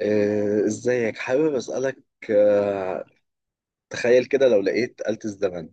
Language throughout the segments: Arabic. ازيك حابب اسالك؟ آه، تخيل كده لو لقيت آلة الزمن،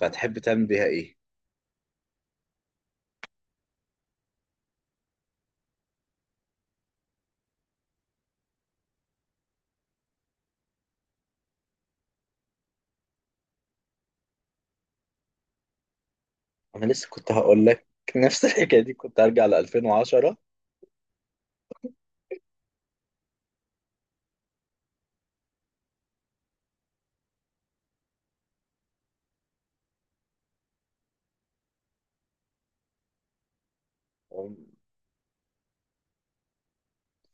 فهتحب تعمل بيها ايه؟ انا لسه كنت هقول لك نفس الحكايه دي، كنت هرجع ل 2010.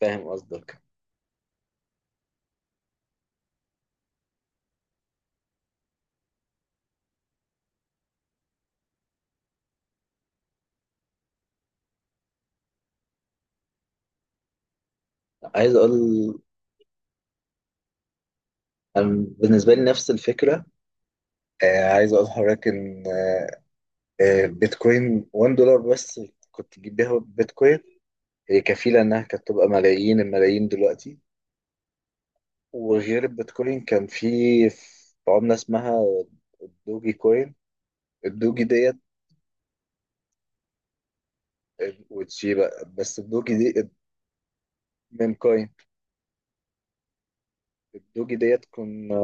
فاهم قصدك، عايز اقول. أنا بالنسبه لي نفس الفكره. عايز اقول لحضرتك ان بيتكوين $1 بس كنت تجيب بيها بيتكوين، هي كفيله انها كانت تبقى ملايين الملايين دلوقتي. وغير البيتكوين كان في عمله اسمها الدوجي كوين، الدوجي ديت وتشي بقى. بس الدوجي دي من كاين الدوجي ديت كنا،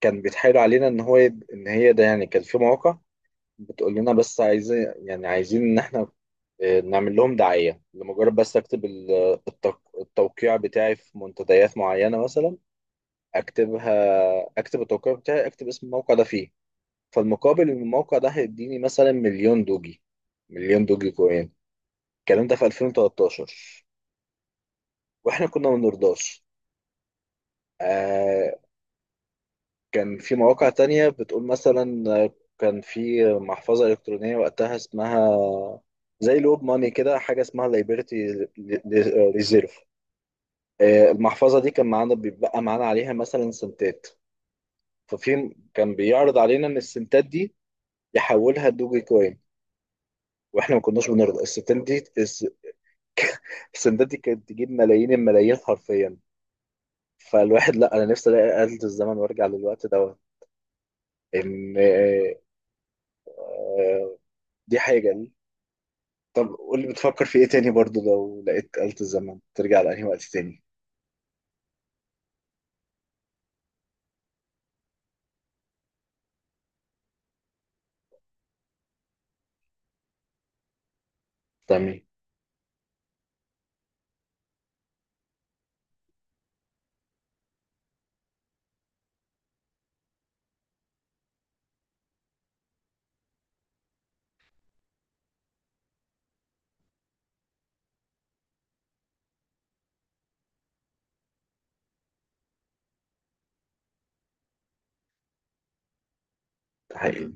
كان بيتحايل علينا ان هو يب... ان هي ده، يعني كان في مواقع بتقول لنا بس عايزين، يعني عايزين ان احنا نعمل لهم دعاية، لمجرد بس اكتب ال- التوق... التوقيع بتاعي في منتديات معينة مثلا. اكتبها، اكتب التوقيع بتاعي، اكتب اسم الموقع ده فيه، فالمقابل ان الموقع ده هيديني مثلا مليون دوجي، مليون دوجي كوين. الكلام ده في 2013، واحنا كنا ما بنرضاش. آه كان في مواقع تانية بتقول مثلا، كان في محفظة إلكترونية وقتها اسمها زي لوب ماني كده، حاجة اسمها ليبرتي ريزيرف. المحفظة دي كان معانا بيبقى معانا عليها مثلا سنتات. ففي كان بيعرض علينا إن السنتات دي يحولها لدوجي كوين، واحنا ما كناش بنرضى. السنتات دي الس- السنتات دي كانت تجيب ملايين الملايين حرفيا. فالواحد، لا انا نفسي الاقي آلة الزمن وارجع للوقت دوت. ان دي حاجة. طب قول لي بتفكر في ايه تاني برضو، لو لقيت آلة الزمن ترجع لأنهي وقت تاني؟ تمام. ده حقيقي.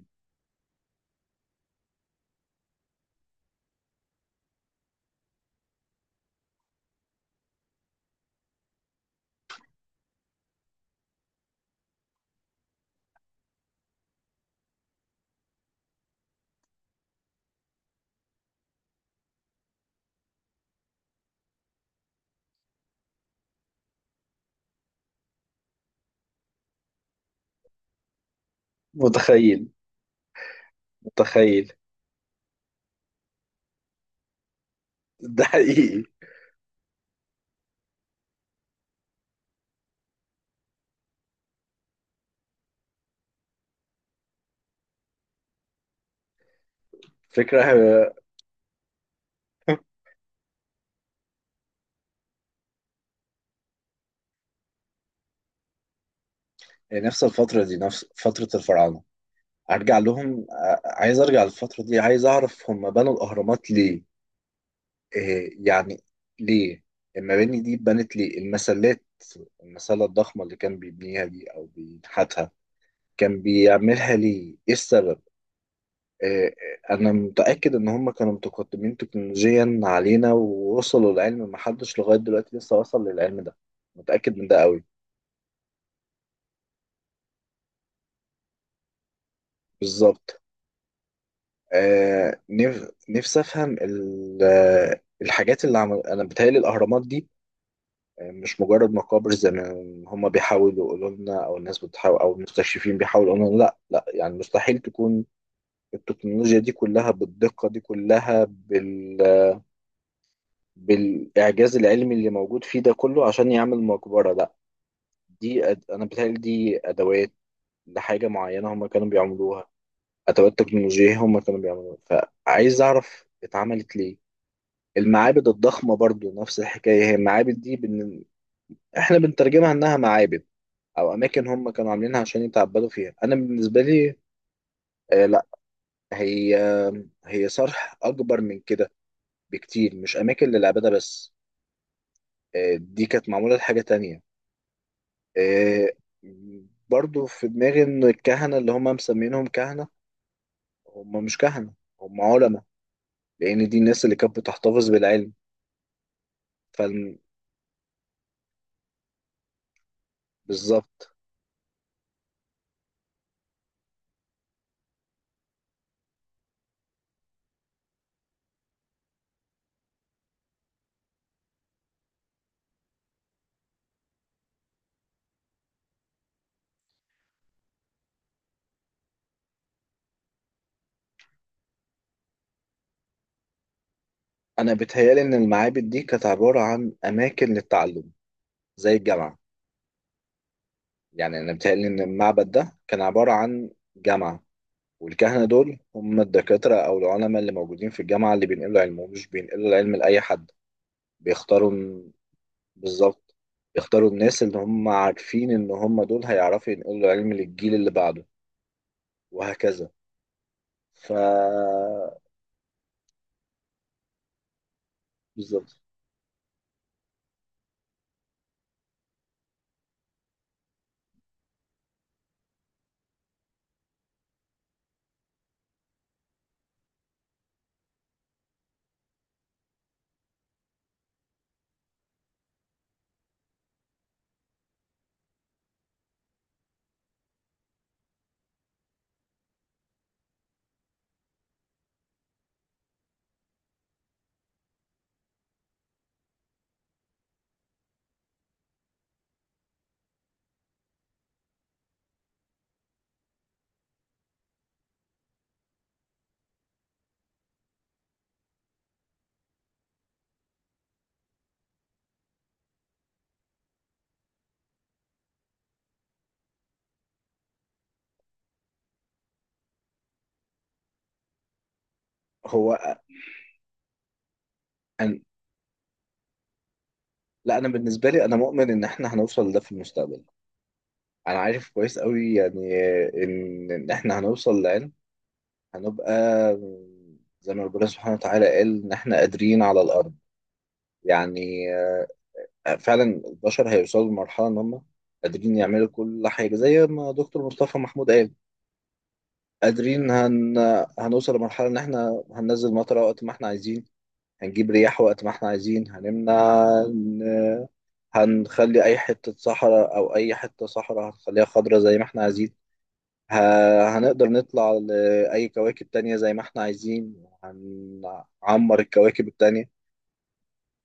متخيل. متخيل. ده حقيقي. فكرة. يعني نفس الفترة دي، نفس فترة الفراعنة. أرجع لهم، ع- عايز أرجع للفترة دي، عايز أعرف هم بنوا الأهرامات ليه، إيه يعني، ليه. المباني دي اتبنت ليه؟ المسلات، المسلة الضخمة اللي كان بيبنيها دي أو بينحتها، كان بيعملها ليه؟ إيه السبب؟ آه، انا متاكد ان هم كانوا متقدمين تكنولوجيا علينا، ووصلوا لعلم ما حدش لغايه دلوقتي لسه وصل للعلم ده. متاكد من ده قوي. بالظبط. آه نف... نفسي افهم ال... الحاجات اللي عمل. انا بتهيألي الاهرامات دي مش مجرد مقابر زي ما هم بيحاولوا يقولوا لنا، او الناس بتحاول، او المستكشفين بيحاولوا يقولوا لنا لا لا، يعني مستحيل تكون التكنولوجيا دي كلها بالدقه دي كلها بال... بالإعجاز العلمي اللي موجود فيه ده كله عشان يعمل مقبرة. لأ، دي أد... أنا بتهيألي دي أدوات لحاجة معينة هما كانوا بيعملوها، أدوات تكنولوجية هما كانوا بيعملوها، فعايز أعرف اتعملت ليه. المعابد الضخمة برضو نفس الحكاية، هي المعابد دي بن... إحنا بنترجمها إنها معابد أو أماكن هما كانوا عاملينها عشان يتعبدوا فيها. أنا بالنسبة لي، آه لأ، هي هي صرح أكبر من كده بكتير، مش أماكن للعبادة بس. آه دي كانت معمولة لحاجة تانية. آه، برضو في دماغي ان الكهنة اللي هم مسمينهم كهنة، هم مش كهنة، هم علماء، لان دي الناس اللي كانت بتحتفظ بالعلم. فال- بالظبط. انا بتهيالي ان المعابد دي كانت عبارة عن اماكن للتعلم، زي الجامعة. يعني انا بتهيالي ان المعبد ده كان عبارة عن جامعة، والكهنة دول هم الدكاترة او العلماء اللي موجودين في الجامعة اللي بينقلوا علمهم، مش بينقلوا العلم لأي حد، بيختاروا. بالظبط، يختاروا الناس اللي هم عارفين ان هم دول هيعرفوا ينقلوا العلم للجيل اللي بعده، وهكذا. ف بالظبط. هو أن... لا انا بالنسبه لي انا مؤمن ان احنا هنوصل لده في المستقبل. انا عارف كويس قوي، يعني ان احنا هنوصل لعلم، هنبقى زي ما ربنا سبحانه وتعالى قال ان احنا قادرين على الارض. يعني فعلا البشر هيوصلوا لمرحله ان هم قادرين يعملوا كل حاجه زي ما دكتور مصطفى محمود قال. قادرين هن... هنوصل لمرحلة إن إحنا هننزل مطرة وقت ما إحنا عايزين، هنجيب رياح وقت ما إحنا عايزين، هنمنع إن- هنخلي أي حتة صحراء، أو أي حتة صحراء هنخليها خضراء زي ما إحنا عايزين. ه... هنقدر نطلع لأي كواكب تانية زي ما إحنا عايزين، هنعمر الكواكب التانية.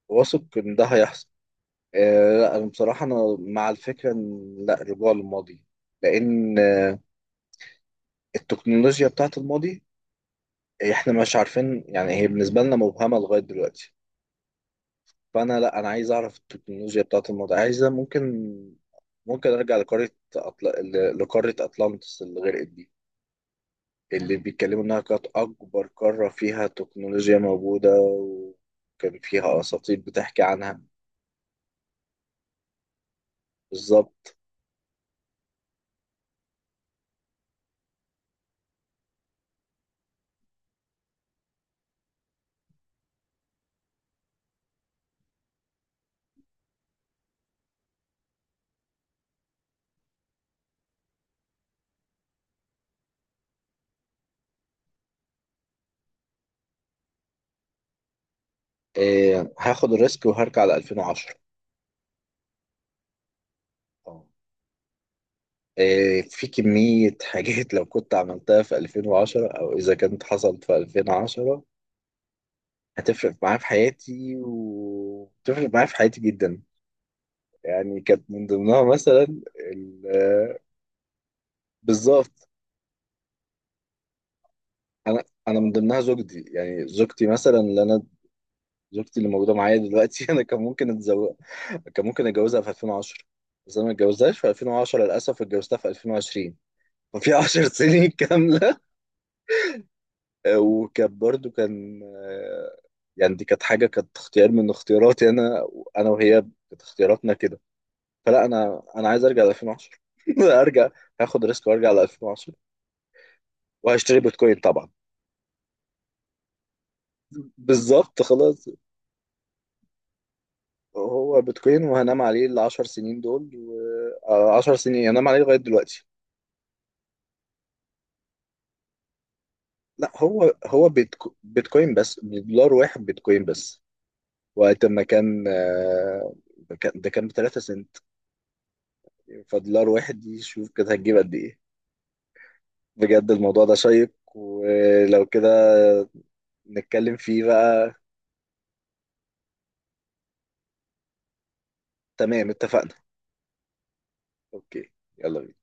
واثق إن ده هيحصل. لا أنا بصراحة أنا مع الفكرة إن لا رجوع للماضي، لأن التكنولوجيا بتاعت الماضي احنا مش عارفين، يعني هي بالنسبة لنا مبهمة لغاية دلوقتي. فانا لا انا عايز اعرف التكنولوجيا بتاعت الموضوع عايزة. ممكن ارجع لقارة، أطل... ل- لقارة اطلانتس اللي غرقت دي، اللي بيتكلموا انها كانت اكبر قارة فيها تكنولوجيا موجودة، وكان فيها اساطير بتحكي عنها. بالظبط. إيه، هاخد الريسك وهرجع ل 2010. آه. إيه، في كمية حاجات لو كنت عملتها في 2010 او اذا كانت حصلت في 2010 هتفرق معايا في حياتي، وتفرق معايا في حياتي جدا. يعني كانت من ضمنها مثلا ال- بالظبط. انا من ضمنها زوجتي، يعني زوجتي مثلا اللي انا، زوجتي اللي موجوده معايا دلوقتي انا كان ممكن اتزوج، كان ممكن اتجوزها في 2010 بس انا ما اتجوزتهاش في 2010 للاسف، اتجوزتها في 2020. ففي 10 سنين كامله. وكان برضو كان يعني دي كانت حاجه، كانت اختيار من اختياراتي انا، انا وهي، كانت اختياراتنا كده. فلا انا عايز ارجع ل 2010 ارجع هاخد ريسك وارجع ل 2010 وهشتري بيتكوين طبعا. بالظبط خلاص. هو بيتكوين وهنام عليه ال 10 سنين دول، و 10 سنين هنام عليه لغايه دلوقتي. لا، هو بيتكو... بيتكوين بس، بدولار واحد بيتكوين بس. وقت ما كان كان- ده كان ب 3 سنت، فدولار واحد دي شوف كده هتجيب قد ايه. بجد الموضوع ده شيق، ولو كده نتكلم فيه بقى. تمام، اتفقنا. اوكي يلا بينا.